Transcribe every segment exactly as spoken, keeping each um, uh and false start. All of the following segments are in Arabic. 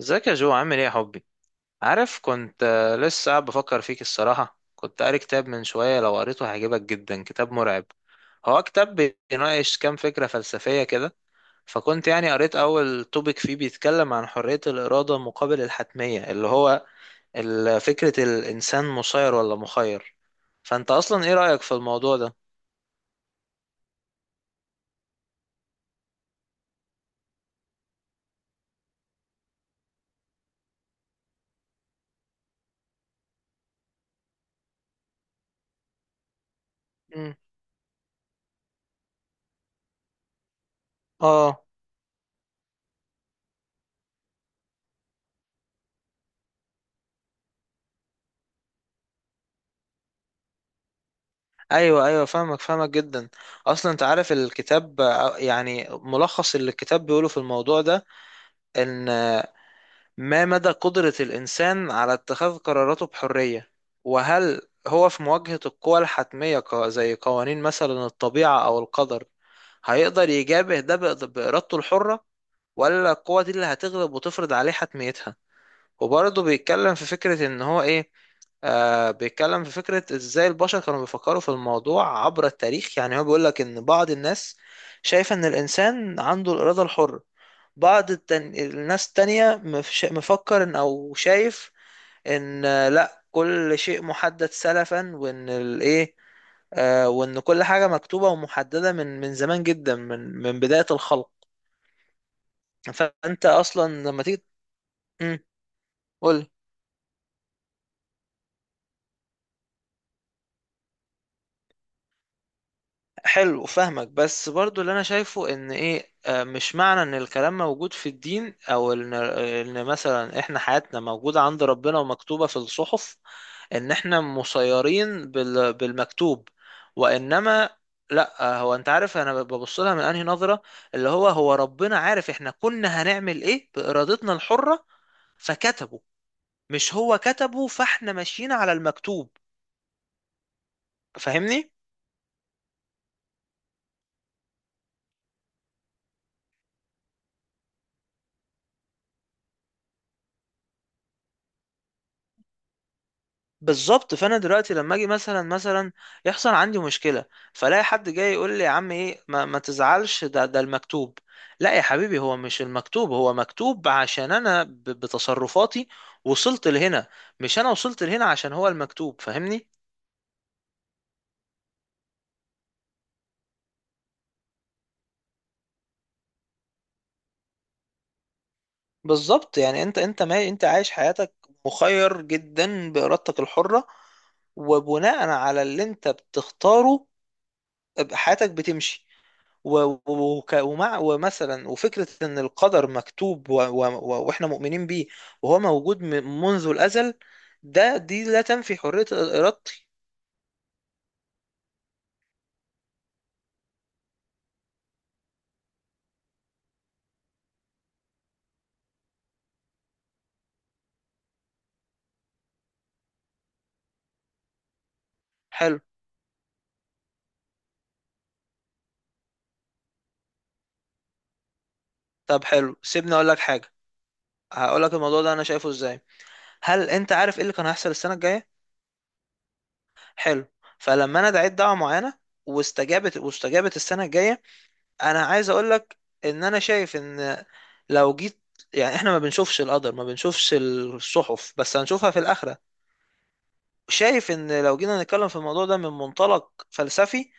ازيك يا جو؟ عامل ايه يا حبي؟ عارف كنت آه، لسه قاعد بفكر فيك. الصراحة كنت قاري كتاب من شوية، لو قريته هيعجبك جدا. كتاب مرعب. هو كتاب بيناقش كام فكرة فلسفية كده. فكنت يعني قريت أول توبيك فيه بيتكلم عن حرية الإرادة مقابل الحتمية، اللي هو ال- فكرة الإنسان مسير ولا مخير. فأنت أصلا ايه رأيك في الموضوع ده؟ مم. اه. ايوه ايوه، فاهمك فاهمك جدا. اصلا انت عارف الكتاب، آه، يعني ملخص اللي الكتاب بيقوله في الموضوع ده، إن ما مدى قدرة الإنسان على اتخاذ قراراته بحرية. وهل هو في مواجهة القوى الحتمية، ق- زي قوانين مثلا الطبيعة أو القدر، هيقدر يجابه ده بإض- بإرادته الحرة، ولا القوة دي اللي هتغلب وتفرض عليه حتميتها؟ وبرضه بيتكلم في فكرة ان هو ايه. آه بيتكلم في فكرة ازاي البشر كانوا بيفكروا في الموضوع عبر التاريخ. يعني هو بيقولك ان بعض الناس شايفة ان الانسان عنده الارادة الحرة. بعض التن... الناس التانية مفش... مفكر ان او شايف ان آه، لا كل شيء محدد سلفا، وان الايه آه وان كل حاجة مكتوبة ومحددة من من زمان جدا من من بداية الخلق. فانت اصلا لما تيجي قول. حلو، فاهمك. بس برضو اللي انا شايفه ان ايه، آه، مش معنى ان الكلام موجود في الدين، او ان ان مثلا احنا حياتنا موجودة عند ربنا ومكتوبة في الصحف، ان احنا مسيرين بال- بالمكتوب. وانما لا، آه، هو انت عارف انا ببص لها من انهي نظرة. اللي هو هو ربنا عارف احنا كنا هنعمل ايه بارادتنا الحرة فكتبه، مش هو كتبه فاحنا ماشيين على المكتوب. فاهمني؟ بالظبط. فانا دلوقتي لما اجي مثلا مثلا يحصل عندي مشكله، فلاقي حد جاي يقول لي يا عم ايه، ما, ما تزعلش، ده ده المكتوب. لا يا حبيبي، هو مش المكتوب، هو مكتوب عشان انا ب- بتصرفاتي وصلت لهنا. مش انا وصلت لهنا عشان هو المكتوب. فاهمني؟ بالظبط. يعني انت انت ما انت عايش حياتك مخير جدا بارادتك الحره. وبناء على اللي انت بتختاره حياتك بتمشي. و- وك- ومع ومثلا وفكرة إن القدر مكتوب و- و- و- وإحنا مؤمنين بيه، وهو موجود م- منذ الأزل. ده دي لا تنفي حرية إرادتي. حلو. طب حلو، سيبني أقول لك حاجة. هقول لك الموضوع ده أنا شايفه إزاي. هل أنت عارف إيه اللي كان هيحصل السنة الجاية؟ حلو. فلما أنا دعيت دعوة معينة واستجابت واستجابت السنة الجاية، أنا عايز أقول لك إن أنا شايف إن لو جيت، يعني إحنا ما بنشوفش القدر، ما بنشوفش الصحف بس هنشوفها في الآخرة، شايف ان لو جينا نتكلم في الموضوع ده من منطلق فلسفي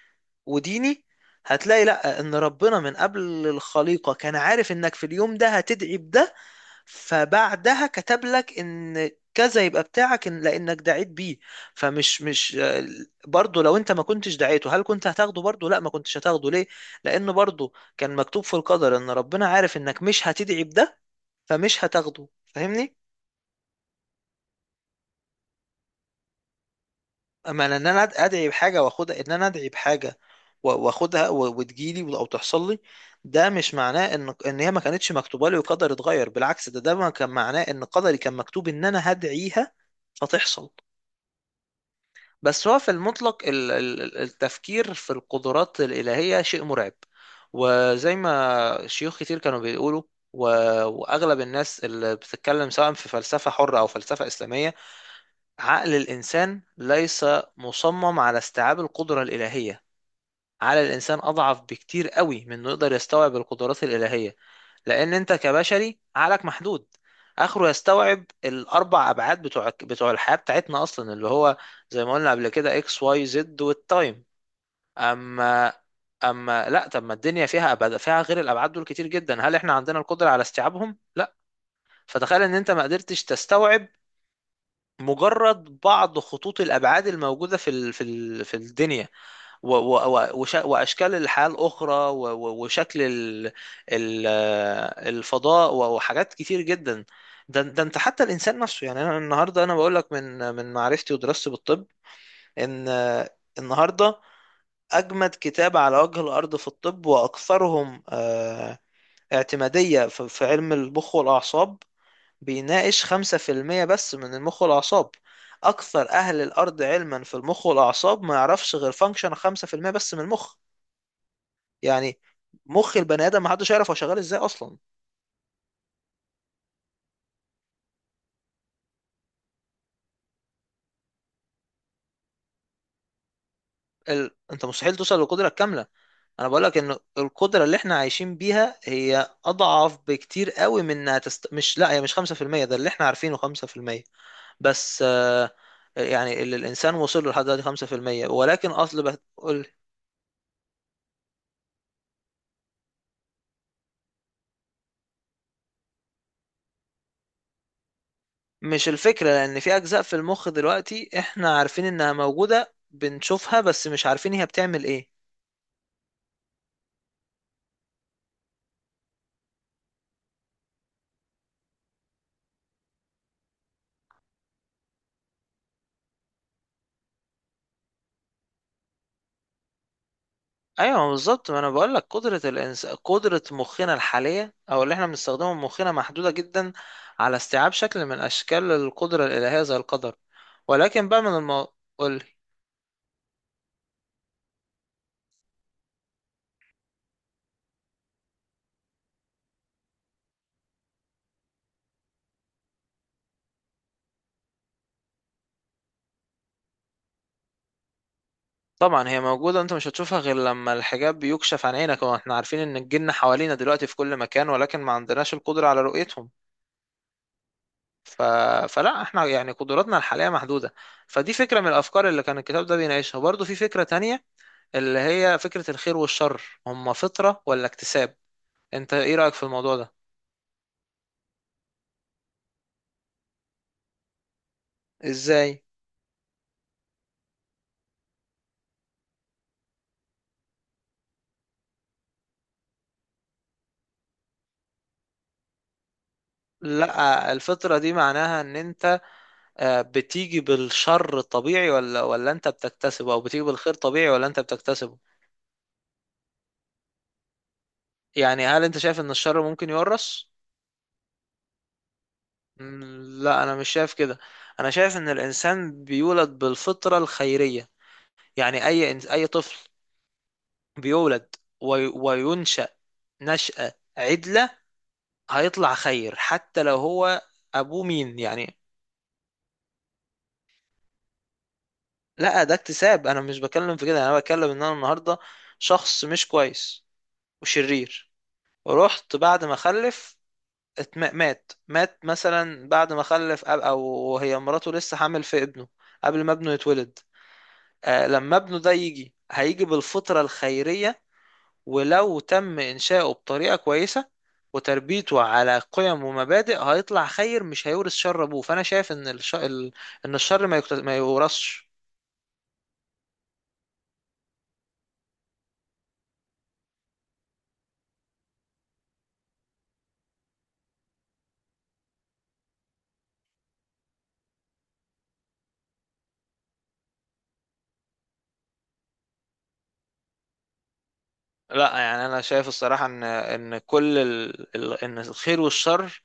وديني، هتلاقي لا، ان ربنا من قبل الخليقة كان عارف انك في اليوم ده هتدعي بده، فبعدها كتب لك ان كذا يبقى بتاعك إن- لانك دعيت بيه. فمش مش برضه، لو انت ما كنتش دعيته هل كنت هتاخده برضه؟ لا، ما كنتش هتاخده. ليه؟ لان برضه كان مكتوب في القدر ان ربنا عارف انك مش هتدعي بده، فمش هتاخده. فاهمني؟ اما ان انا أد- ادعي بحاجه واخدها، ان انا ادعي بحاجه و- واخدها و- وتجيلي و- او تحصل لي، ده مش معناه ان ان هي ما كانتش مكتوبه لي وقدر اتغير. بالعكس، ده ده ما كان معناه ان قدري كان مكتوب ان انا هدعيها فتحصل. بس هو في المطلق، ال- ال- ال- التفكير في القدرات الالهيه شيء مرعب. وزي ما شيوخ كتير كانوا بيقولوا، و- واغلب الناس اللي بتتكلم سواء في فلسفه حره او فلسفه اسلاميه، عقل الإنسان ليس مصمم على استيعاب القدرة الإلهية. عقل الإنسان أضعف بكتير قوي من إنه يقدر يستوعب القدرات الإلهية. لأن أنت كبشري عقلك محدود. آخره يستوعب الأربع أبعاد بتوع بتوع الحياة بتاعتنا أصلا، اللي هو زي ما قلنا قبل كده إكس واي زد والتايم. أما أما لا، طب ما الدنيا فيها أبعاد فيها غير الأبعاد دول كتير جدا. هل إحنا عندنا القدرة على استيعابهم؟ لا. فتخيل إن أنت ما قدرتش تستوعب مجرد بعض خطوط الأبعاد الموجودة في ال- في ال- في الدنيا، و- و- و- وش- وأشكال الحياة الأخرى و- و- وشكل ال- ال- آه، الفضاء، و- وحاجات كتير جدا. ده ده انت حتى الإنسان نفسه. يعني أنا النهاردة أنا بقول لك من من معرفتي ودراستي بالطب، إن آه، النهاردة أجمد كتاب على وجه الأرض في الطب وأكثرهم آه، اعتمادية في في علم المخ والأعصاب بيناقش خمسة في المية بس من المخ والأعصاب. أكثر أهل الأرض علما في المخ والأعصاب ما يعرفش غير فانكشن خمسة في المية بس من المخ. يعني مخ البني آدم ما حدش يعرف هو شغال إزاي أصلا. ال... أنت مستحيل توصل للقدرة الكاملة. أنا بقولك إن القدرة اللي إحنا عايشين بيها هي أضعف بكتير قوي من إنها تست... مش، لا هي مش خمسة في المية، ده اللي إحنا عارفينه خمسة في المية بس. آه، يعني اللي الإنسان وصل له لحد دلوقتي خمسة في المية، ولكن أصل بقى مش الفكرة. لأن في أجزاء في المخ دلوقتي إحنا عارفين إنها موجودة بنشوفها بس مش عارفين هي بتعمل إيه. أيوة بالظبط، ما أنا بقول لك قدرة الإنس... قدرة مخنا الحالية أو اللي إحنا بنستخدمه مخنا محدودة جدا على استيعاب شكل من أشكال القدرة الإلهية زي القدر. ولكن بقى من المو... قولي. طبعا هي موجودة، أنت مش هتشوفها غير لما الحجاب بيكشف عن عينك. وإحنا عارفين إن الجن حوالينا دلوقتي في كل مكان، ولكن ما عندناش القدرة على رؤيتهم. ف... فلا احنا يعني قدراتنا الحالية محدودة. فدي فكرة من الأفكار اللي كان الكتاب ده بيناقشها. برضه في فكرة تانية، اللي هي فكرة الخير والشر هما فطرة ولا اكتساب. انت ايه رأيك في الموضوع ده؟ ازاي؟ لا الفطرة دي معناها ان انت آه، بتيجي بالشر الطبيعي، ولا ولا انت بتكتسبه، او بتيجي بالخير طبيعي ولا انت بتكتسبه. يعني هل انت شايف ان الشر ممكن يورث؟ مم، لا انا مش شايف كده. انا شايف ان الانسان بيولد بالفطرة الخيرية. يعني اي إنس- اي طفل بيولد وي- وينشأ نشأة عدلة هيطلع خير، حتى لو هو أبوه مين يعني. لا ده اكتساب، أنا مش بكلم في كده. أنا بكلم إن أنا النهاردة شخص مش كويس وشرير، ورحت بعد ما خلف، اتم- مات مات مثلا بعد ما خلف أب، أو هي مراته لسه حامل في ابنه قبل ما ابنه يتولد. آه، لما ابنه ده يجي هيجي بالفطرة الخيرية. ولو تم إنشاؤه بطريقة كويسة وتربيته على قيم ومبادئ، هيطلع خير مش هيورث شر أبوه. فأنا شايف إن الش... ال... إن الشر ما, يكت... ما يورثش. لا يعني أنا شايف الصراحة إن إن كل ال... ال... إن الخير والشر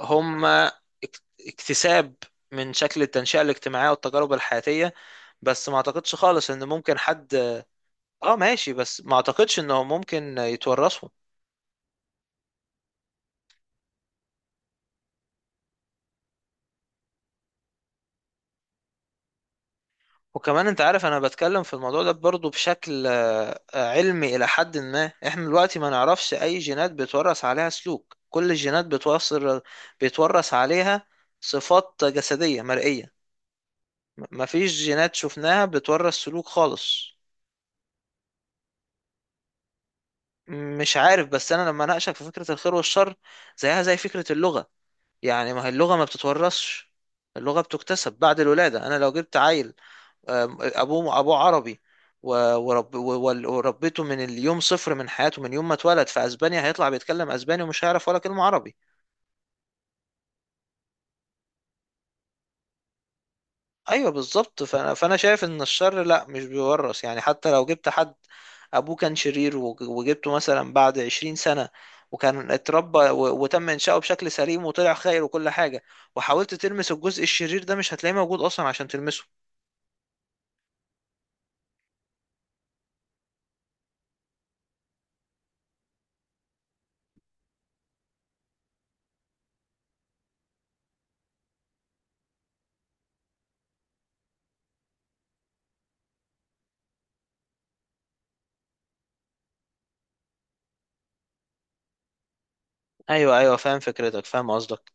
هما اك- اكتساب من شكل التنشئة الاجتماعية والتجارب الحياتية. بس ما أعتقدش خالص إن ممكن حد. آه ماشي، بس ما أعتقدش إنهم ممكن يتورثوا. وكمان انت عارف انا بتكلم في الموضوع ده برضه بشكل آه، آه، علمي الى حد ما. احنا دلوقتي ما نعرفش اي جينات بيتورث عليها سلوك. كل الجينات بتوصل بيتورث عليها صفات جسدية مرئية. م- مفيش جينات شفناها بتورث سلوك خالص. مش عارف. بس انا لما اناقشك في فكرة الخير والشر زيها زي فكرة اللغة. يعني ما هي اللغة ما بتتورثش. اللغة بتكتسب بعد الولادة. انا لو جبت عيل، آم، ابوه ابوه عربي و- ورب و- وربيته من اليوم صفر من حياته، من يوم ما اتولد، في اسبانيا، هيطلع بيتكلم اسباني ومش هيعرف ولا كلمة عربي. ايوه بالظبط. فانا فانا شايف ان الشر لا مش بيورث. يعني حتى لو جبت حد ابوه كان شرير وج- وجبته مثلا بعد عشرين سنة، وكان اتربى و- وتم انشاؤه بشكل سليم وطلع خير وكل حاجة، وحاولت تلمس الجزء الشرير ده مش هتلاقيه موجود اصلا عشان تلمسه. ايوه ايوه، فاهم فكرتك فاهم قصدك.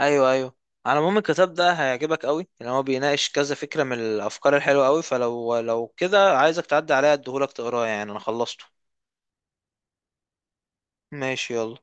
ايوه ايوه. على العموم الكتاب ده هيعجبك قوي لان هو بيناقش كذا فكره من الافكار الحلوه قوي. فلو لو كده عايزك تعدي عليا اديهولك تقراه، يعني انا خلصته. ماشي، يلا.